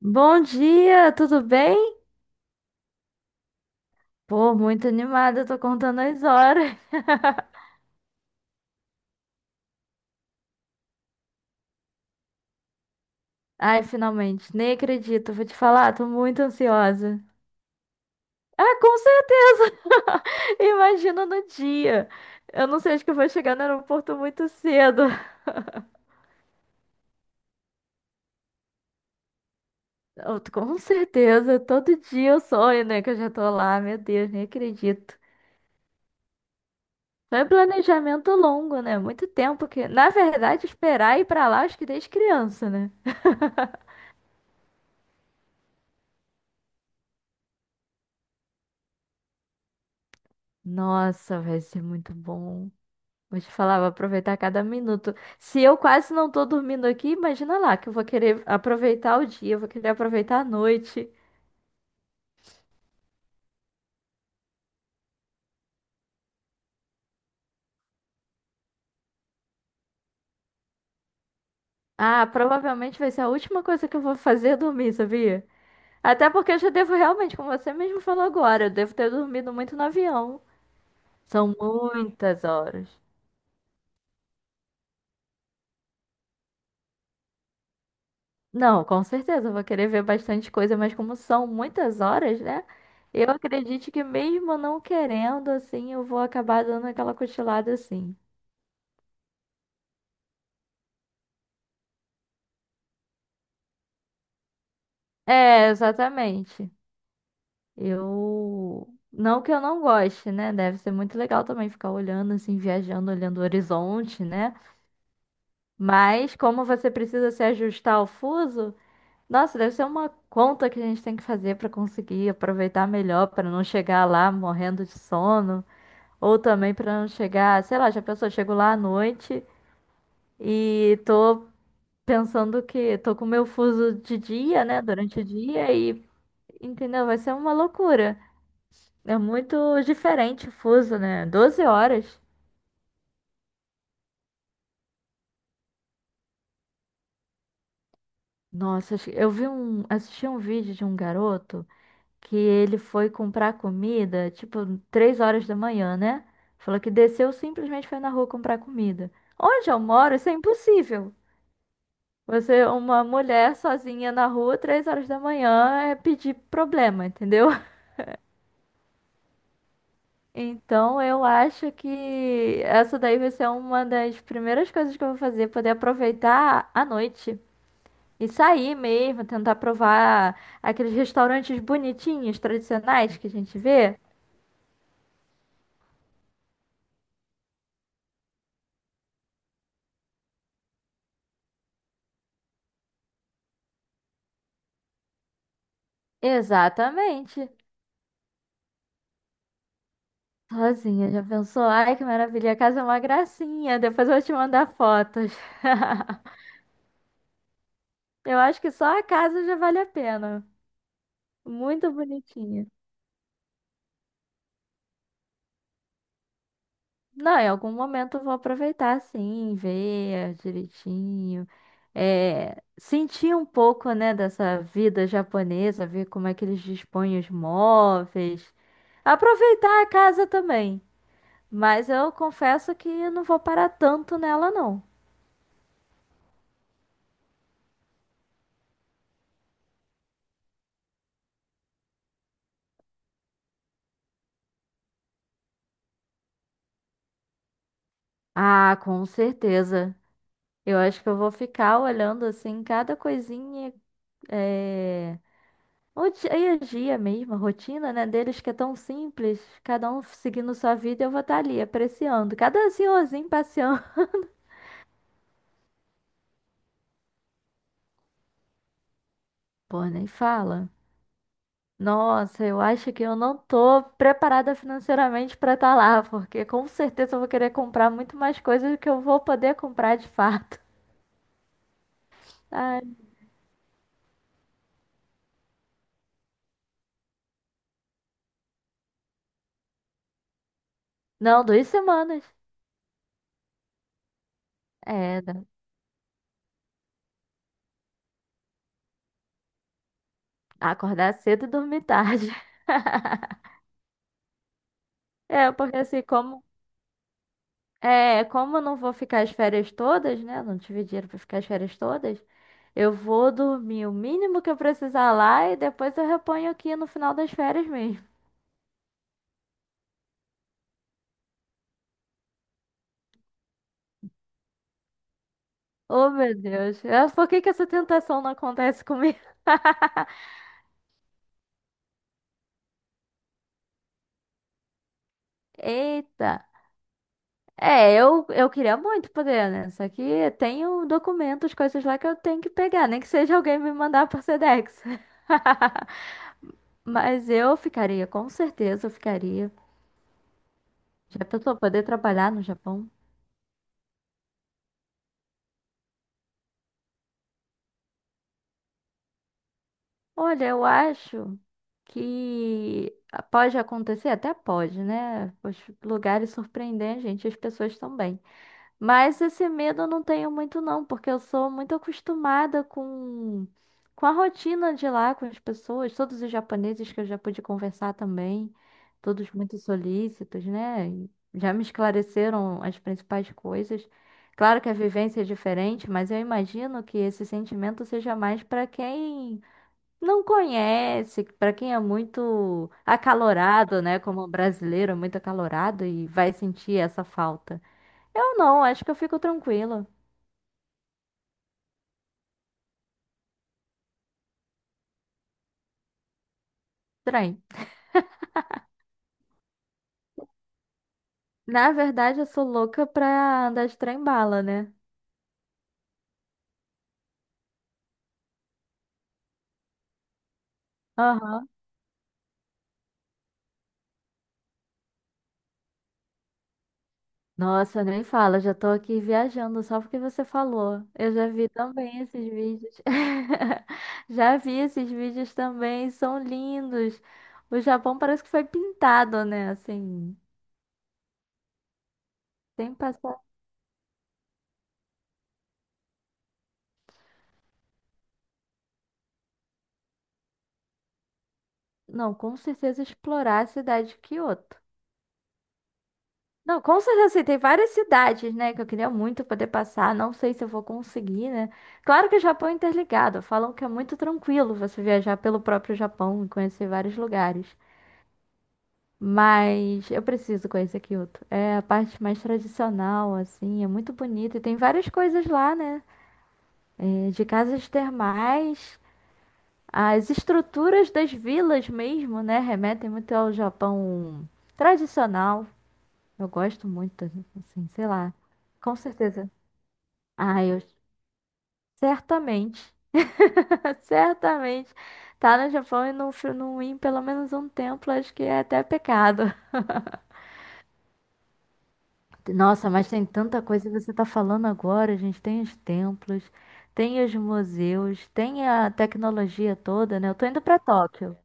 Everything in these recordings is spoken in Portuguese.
Bom dia, tudo bem? Pô, muito animada, tô contando as horas. Ai, finalmente, nem acredito, vou te falar, tô muito ansiosa. Ah, com certeza! Imagina no dia. Eu não sei, acho que eu vou chegar no aeroporto muito cedo. Com certeza, todo dia eu sonho, né, que eu já tô lá, meu Deus, nem acredito. Foi um planejamento longo, né? Muito tempo que, na verdade, esperar ir pra lá, acho que desde criança, né? Nossa, vai ser muito bom. Vou te falar, vou aproveitar cada minuto. Se eu quase não tô dormindo aqui, imagina lá que eu vou querer aproveitar o dia, eu vou querer aproveitar a noite. Ah, provavelmente vai ser a última coisa que eu vou fazer é dormir, sabia? Até porque eu já devo realmente, como você mesmo falou agora, eu devo ter dormido muito no avião. São muitas horas. Não, com certeza, eu vou querer ver bastante coisa, mas como são muitas horas, né? Eu acredito que mesmo não querendo, assim, eu vou acabar dando aquela cochilada assim. É, exatamente. Eu. Não que eu não goste, né? Deve ser muito legal também ficar olhando, assim, viajando, olhando o horizonte, né? Mas como você precisa se ajustar ao fuso, nossa, deve ser uma conta que a gente tem que fazer para conseguir aproveitar melhor, para não chegar lá morrendo de sono, ou também para não chegar, sei lá, já pensou, chego lá à noite e tô pensando que tô com meu fuso de dia, né? Durante o dia e, Entendeu? Vai ser uma loucura. É muito diferente o fuso, né? 12 horas. Nossa, eu vi um, assisti um vídeo de um garoto que ele foi comprar comida, tipo, 3 horas da manhã, né? Falou que desceu, simplesmente foi na rua comprar comida. Onde eu moro, isso é impossível. Você, uma mulher sozinha na rua, 3 horas da manhã, é pedir problema, entendeu? Então, eu acho que essa daí vai ser uma das primeiras coisas que eu vou fazer, poder aproveitar a noite. E sair mesmo, tentar provar aqueles restaurantes bonitinhos, tradicionais que a gente vê. Exatamente. Sozinha, já pensou? Ai, que maravilha, a casa é uma gracinha. Depois eu vou te mandar fotos. Eu acho que só a casa já vale a pena. Muito bonitinha. Não, em algum momento eu vou aproveitar sim, ver direitinho, é, sentir um pouco, né, dessa vida japonesa, ver como é que eles dispõem os móveis, aproveitar a casa também. Mas eu confesso que eu não vou parar tanto nela, não. Ah, com certeza. Eu acho que eu vou ficar olhando assim cada coisinha, eh, o dia e a dia mesmo, a rotina, né, deles que é tão simples, cada um seguindo sua vida, eu vou estar ali apreciando, cada senhorzinho passeando. Pô, nem fala. Nossa, eu acho que eu não tô preparada financeiramente pra estar lá, porque com certeza eu vou querer comprar muito mais coisas do que eu vou poder comprar de fato. Ai, não, 2 semanas. É, acordar cedo e dormir tarde. É, porque assim, é, como eu não vou ficar as férias todas, né? Não tive dinheiro pra ficar as férias todas. Eu vou dormir o mínimo que eu precisar lá e depois eu reponho aqui no final das férias mesmo. Oh, meu Deus. É, por que que essa tentação não acontece comigo? Eita. É, eu queria muito poder, né? Só que tenho documentos, coisas lá que eu tenho que pegar, nem que seja alguém me mandar por Sedex. Mas eu ficaria, com certeza eu ficaria. Já pensou poder trabalhar no Japão? Olha, eu acho que pode acontecer, até pode, né? Os lugares surpreendem a gente, as pessoas também. Mas esse medo eu não tenho muito, não, porque eu sou muito acostumada com a rotina de lá, com as pessoas, todos os japoneses que eu já pude conversar também, todos muito solícitos, né? E já me esclareceram as principais coisas. Claro que a vivência é diferente, mas eu imagino que esse sentimento seja mais para quem não conhece, para quem é muito acalorado, né, como brasileiro, é muito acalorado e vai sentir essa falta. Eu não, acho que eu fico tranquila. Trem. Na verdade, eu sou louca pra andar de trem-bala, né? Aham. Nossa, nem fala, já tô aqui viajando só porque você falou. Eu já vi também esses vídeos. Já vi esses vídeos também, são lindos. O Japão parece que foi pintado, né? Assim, sem passar. Não, com certeza explorar a cidade de Kyoto. Não, com certeza, assim, tem várias cidades, né, que eu queria muito poder passar. Não sei se eu vou conseguir, né? Claro que o Japão é interligado. Falam que é muito tranquilo você viajar pelo próprio Japão e conhecer vários lugares. Mas eu preciso conhecer Kyoto. É a parte mais tradicional, assim, é muito bonita. E tem várias coisas lá, né? É, de casas termais, as estruturas das vilas mesmo, né? Remetem muito ao Japão tradicional. Eu gosto muito, assim, sei lá. Com certeza. Ah, eu certamente, certamente. Tá no Japão e não ir em pelo menos um templo, acho que é até pecado. Nossa, mas tem tanta coisa que você tá falando agora, gente. Tem os templos, tem os museus, tem a tecnologia toda, né? Eu tô indo pra Tóquio.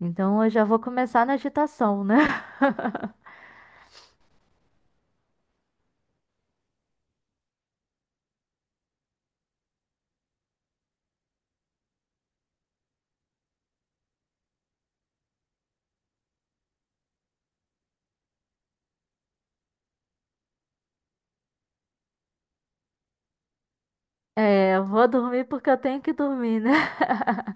Então eu já vou começar na agitação, né? É, eu vou dormir porque eu tenho que dormir, né?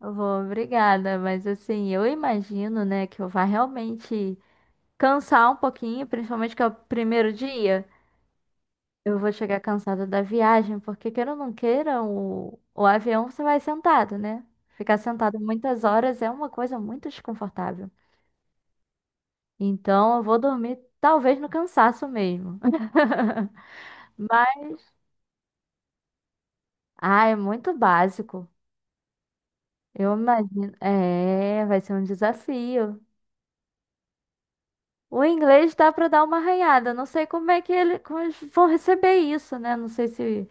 Eu vou, obrigada. Mas assim, eu imagino, né, que eu vá realmente cansar um pouquinho, principalmente que é o primeiro dia. Eu vou chegar cansada da viagem, porque queira ou não queira, o avião você vai sentado, né? Ficar sentado muitas horas é uma coisa muito desconfortável. Então, eu vou dormir, talvez no cansaço mesmo. Mas, ah, é muito básico. Eu imagino. É, vai ser um desafio. O inglês dá para dar uma arranhada. Não sei como é que ele, como eles vão receber isso, né? Não sei se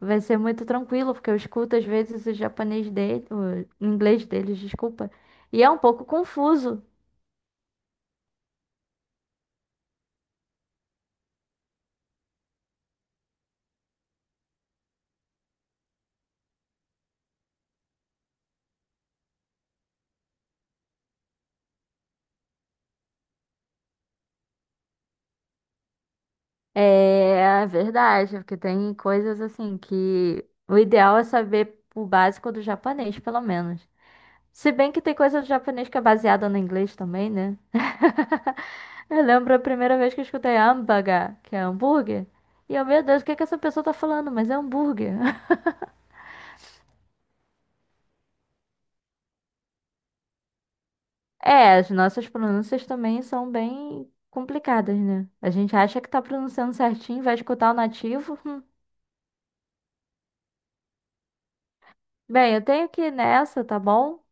vai ser muito tranquilo, porque eu escuto às vezes o japonês dele, o inglês deles, desculpa, e é um pouco confuso. É, é verdade, porque tem coisas assim que o ideal é saber o básico do japonês, pelo menos. Se bem que tem coisa do japonês que é baseada no inglês também, né? Eu lembro a primeira vez que eu escutei hambúrguer, que é hambúrguer. E eu, meu Deus, o que é que essa pessoa tá falando? Mas é hambúrguer. É, as nossas pronúncias também são bem complicadas, né? A gente acha que tá pronunciando certinho, vai escutar o nativo. Hum. Bem, eu tenho que ir nessa, tá bom?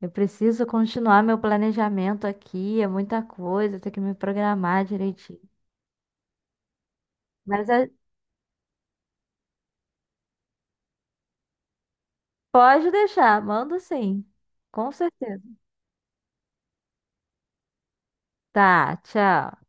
Eu preciso continuar meu planejamento aqui, é muita coisa, tenho que me programar direitinho. Mas é- Pode deixar, mando sim. Com certeza. Tá, tchau.